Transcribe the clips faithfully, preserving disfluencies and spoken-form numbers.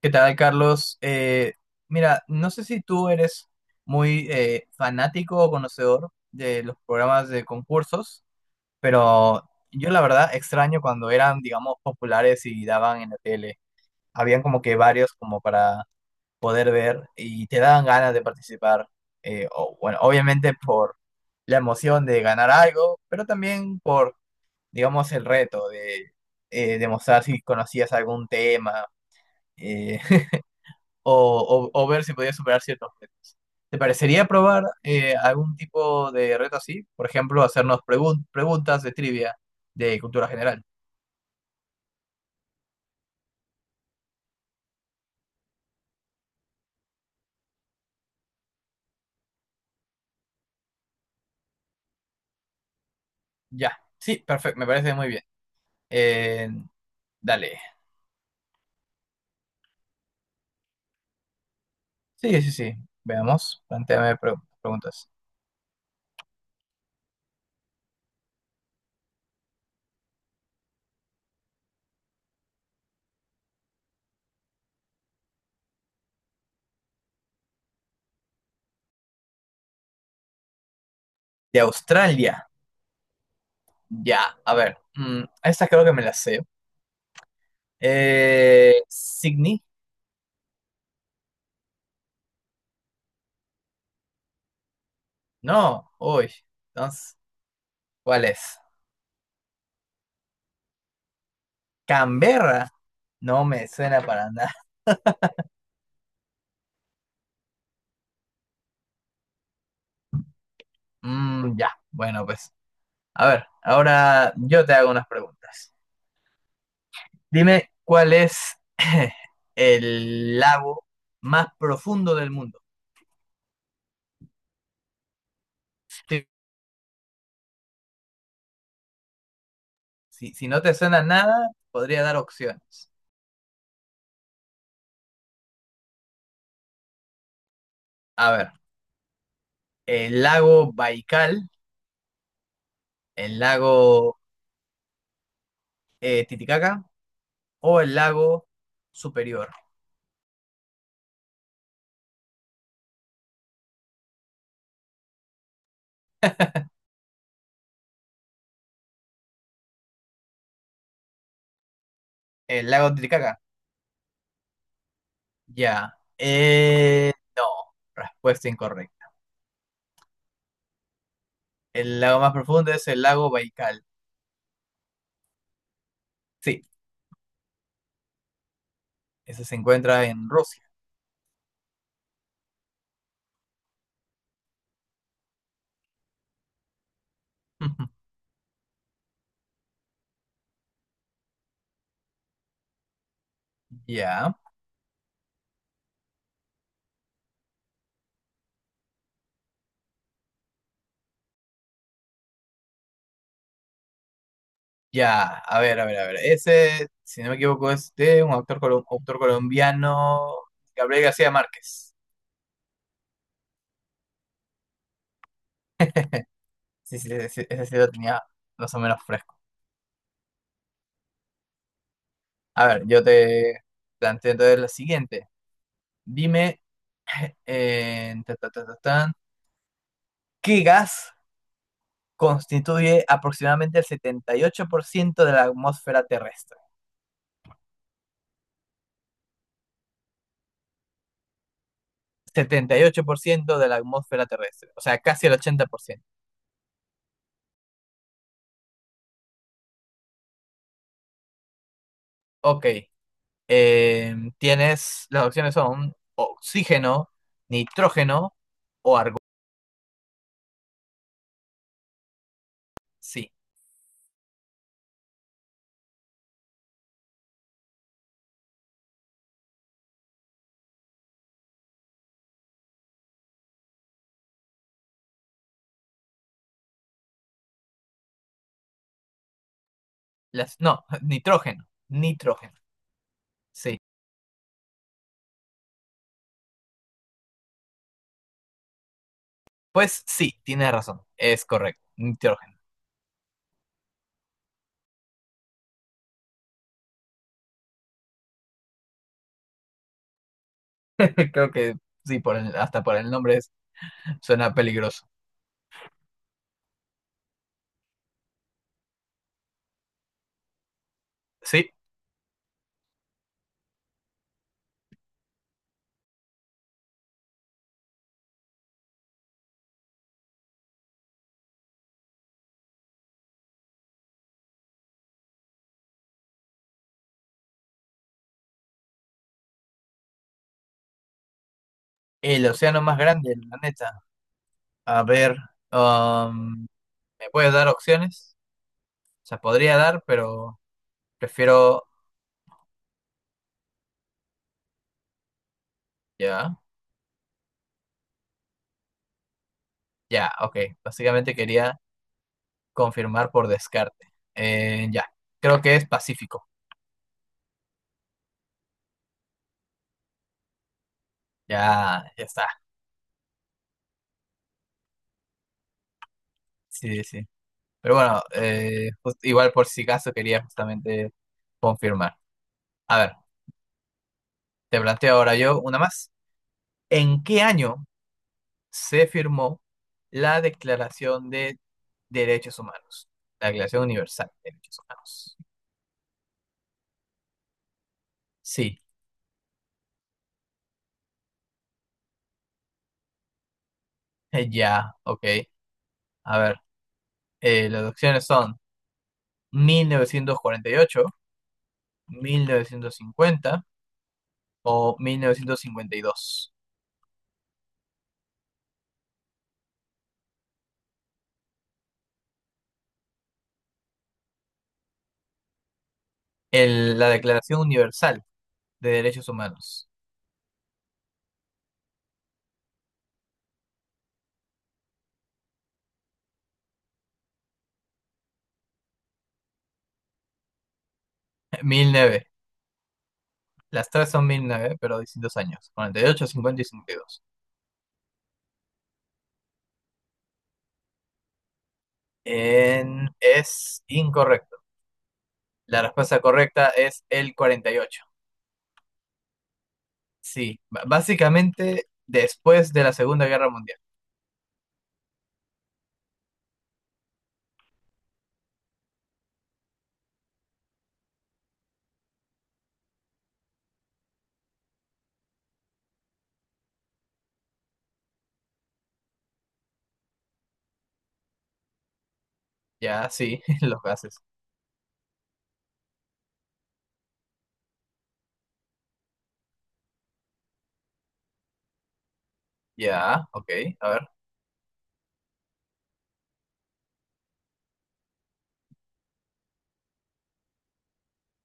¿Qué tal, Carlos? Eh, mira, no sé si tú eres muy eh, fanático o conocedor de los programas de concursos, pero yo la verdad extraño cuando eran, digamos, populares y daban en la tele. Habían como que varios como para poder ver y te daban ganas de participar. Eh, o, bueno, obviamente por la emoción de ganar algo, pero también por, digamos, el reto de eh, demostrar si conocías algún tema. eh, o, o- o ver si podía superar ciertos retos. ¿Te parecería probar eh, algún tipo de reto así? Por ejemplo, hacernos pregun- preguntas de trivia de cultura general. Ya, sí, perfecto, me parece muy bien. Eh, Dale. Sí, sí, sí. Veamos, plantéame pre- preguntas. De Australia, ya, a ver. Mm, esta creo que me la sé. Eh, Sydney, no, uy. Entonces, ¿cuál es? Canberra, no me suena para nada. Mm, ya, bueno, pues. A ver, ahora yo te hago unas preguntas. Dime cuál es el lago más profundo del mundo. Si, si- si no te suena nada, podría dar opciones. A ver, el lago Baikal, el lago eh, Titicaca o el lago Superior. El lago Titicaca, ya. Eh, no, respuesta incorrecta. El lago más profundo es el lago Baikal. Sí, ese se encuentra en Rusia. Ya, ya, a ver, a ver, a ver. Ese, si no me equivoco, es de un autor, colo- autor colombiano, Gabriel García Márquez. Sí, sí, sí, sí, ese sí lo tenía más o menos fresco. A ver, yo te planteo entonces la siguiente. Dime, eh, ta, ta, ta, ta, tan, ¿qué gas constituye aproximadamente el setenta y ocho por ciento de la atmósfera terrestre? Setenta y ocho por ciento de la atmósfera terrestre, o sea, casi el ochenta por ciento. Ok, eh, tienes, las opciones son oxígeno, nitrógeno o argón. Sí, las, no, nitrógeno, nitrógeno, sí. Pues sí, tienes razón, es correcto, nitrógeno. Creo que sí, por el- hasta por el nombre es- suena peligroso. Sí, el océano más grande del planeta. A ver, um, ¿me puedes dar opciones? O sea, podría dar, pero prefiero... Ya, ya, ok. Básicamente quería... Confirmar por descarte. Eh, ya, creo que es Pacífico. Ya, ya está. Sí, sí. Sí. Pero bueno, eh, jus- igual por si acaso quería justamente confirmar. A ver, te planteo ahora yo una más. ¿En qué año se firmó la Declaración de Derechos Humanos? La Declaración Universal de Derechos Humanos. Sí, eh, ya, ok. A ver, eh, las opciones son mil mil novecientos cuarenta y ocho, mil novecientos cincuenta o mil novecientos cincuenta y dos. El- la Declaración Universal de Derechos Humanos. Mil nueve. Las tres son mil nueve pero distintos años, cuarenta y ocho, cincuenta y cincuenta y dos. En- es incorrecto. La respuesta correcta es el cuarenta y ocho. Sí, b- básicamente después de la Segunda Guerra Mundial. Ya, sí, los gases. Ya, ok, a ver.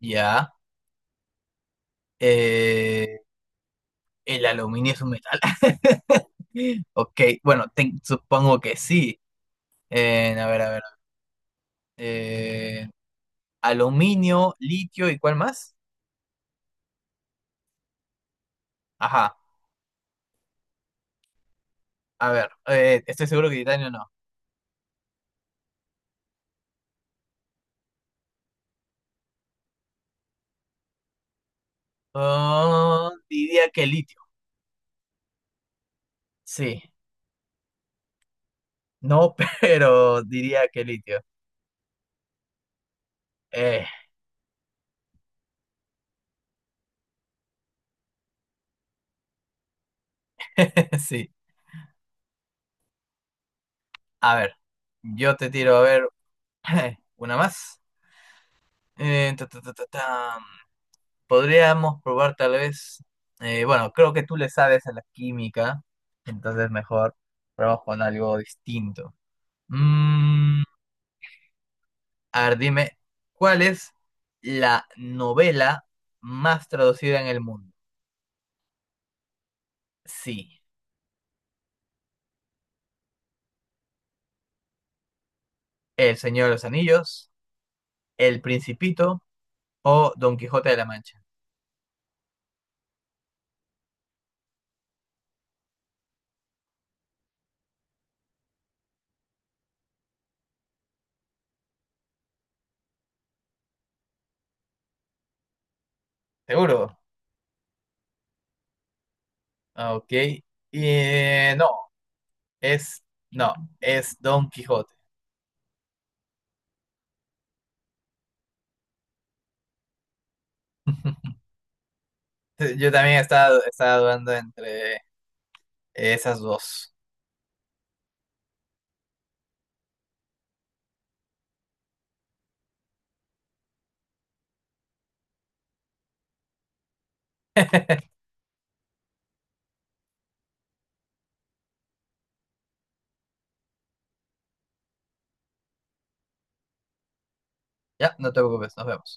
Ya. eh, el aluminio es un metal. Ok, bueno, te- supongo que sí. En, a ver, a ver. eh, aluminio, litio y ¿cuál más? Ajá, a ver. eh, estoy seguro que titanio no. Ah, diría que litio. Sí, no, pero diría que litio. Eh, sí, a ver. Yo te tiro, a ver, una más. Eh, ta, ta, ta, ta, tam. Podríamos probar tal vez. eh, bueno, creo que tú le sabes a la química, entonces mejor probamos con algo distinto. Mm, A ver, dime, ¿cuál es la novela más traducida en el mundo? Sí, El Señor de los Anillos, El Principito o Don Quijote de la Mancha. ¿Seguro? Ah, ok. Y, eh, no, es, no, es Don Quijote. Yo también estaba, estaba dudando entre esas dos. Ya, no te preocupes, nos vemos.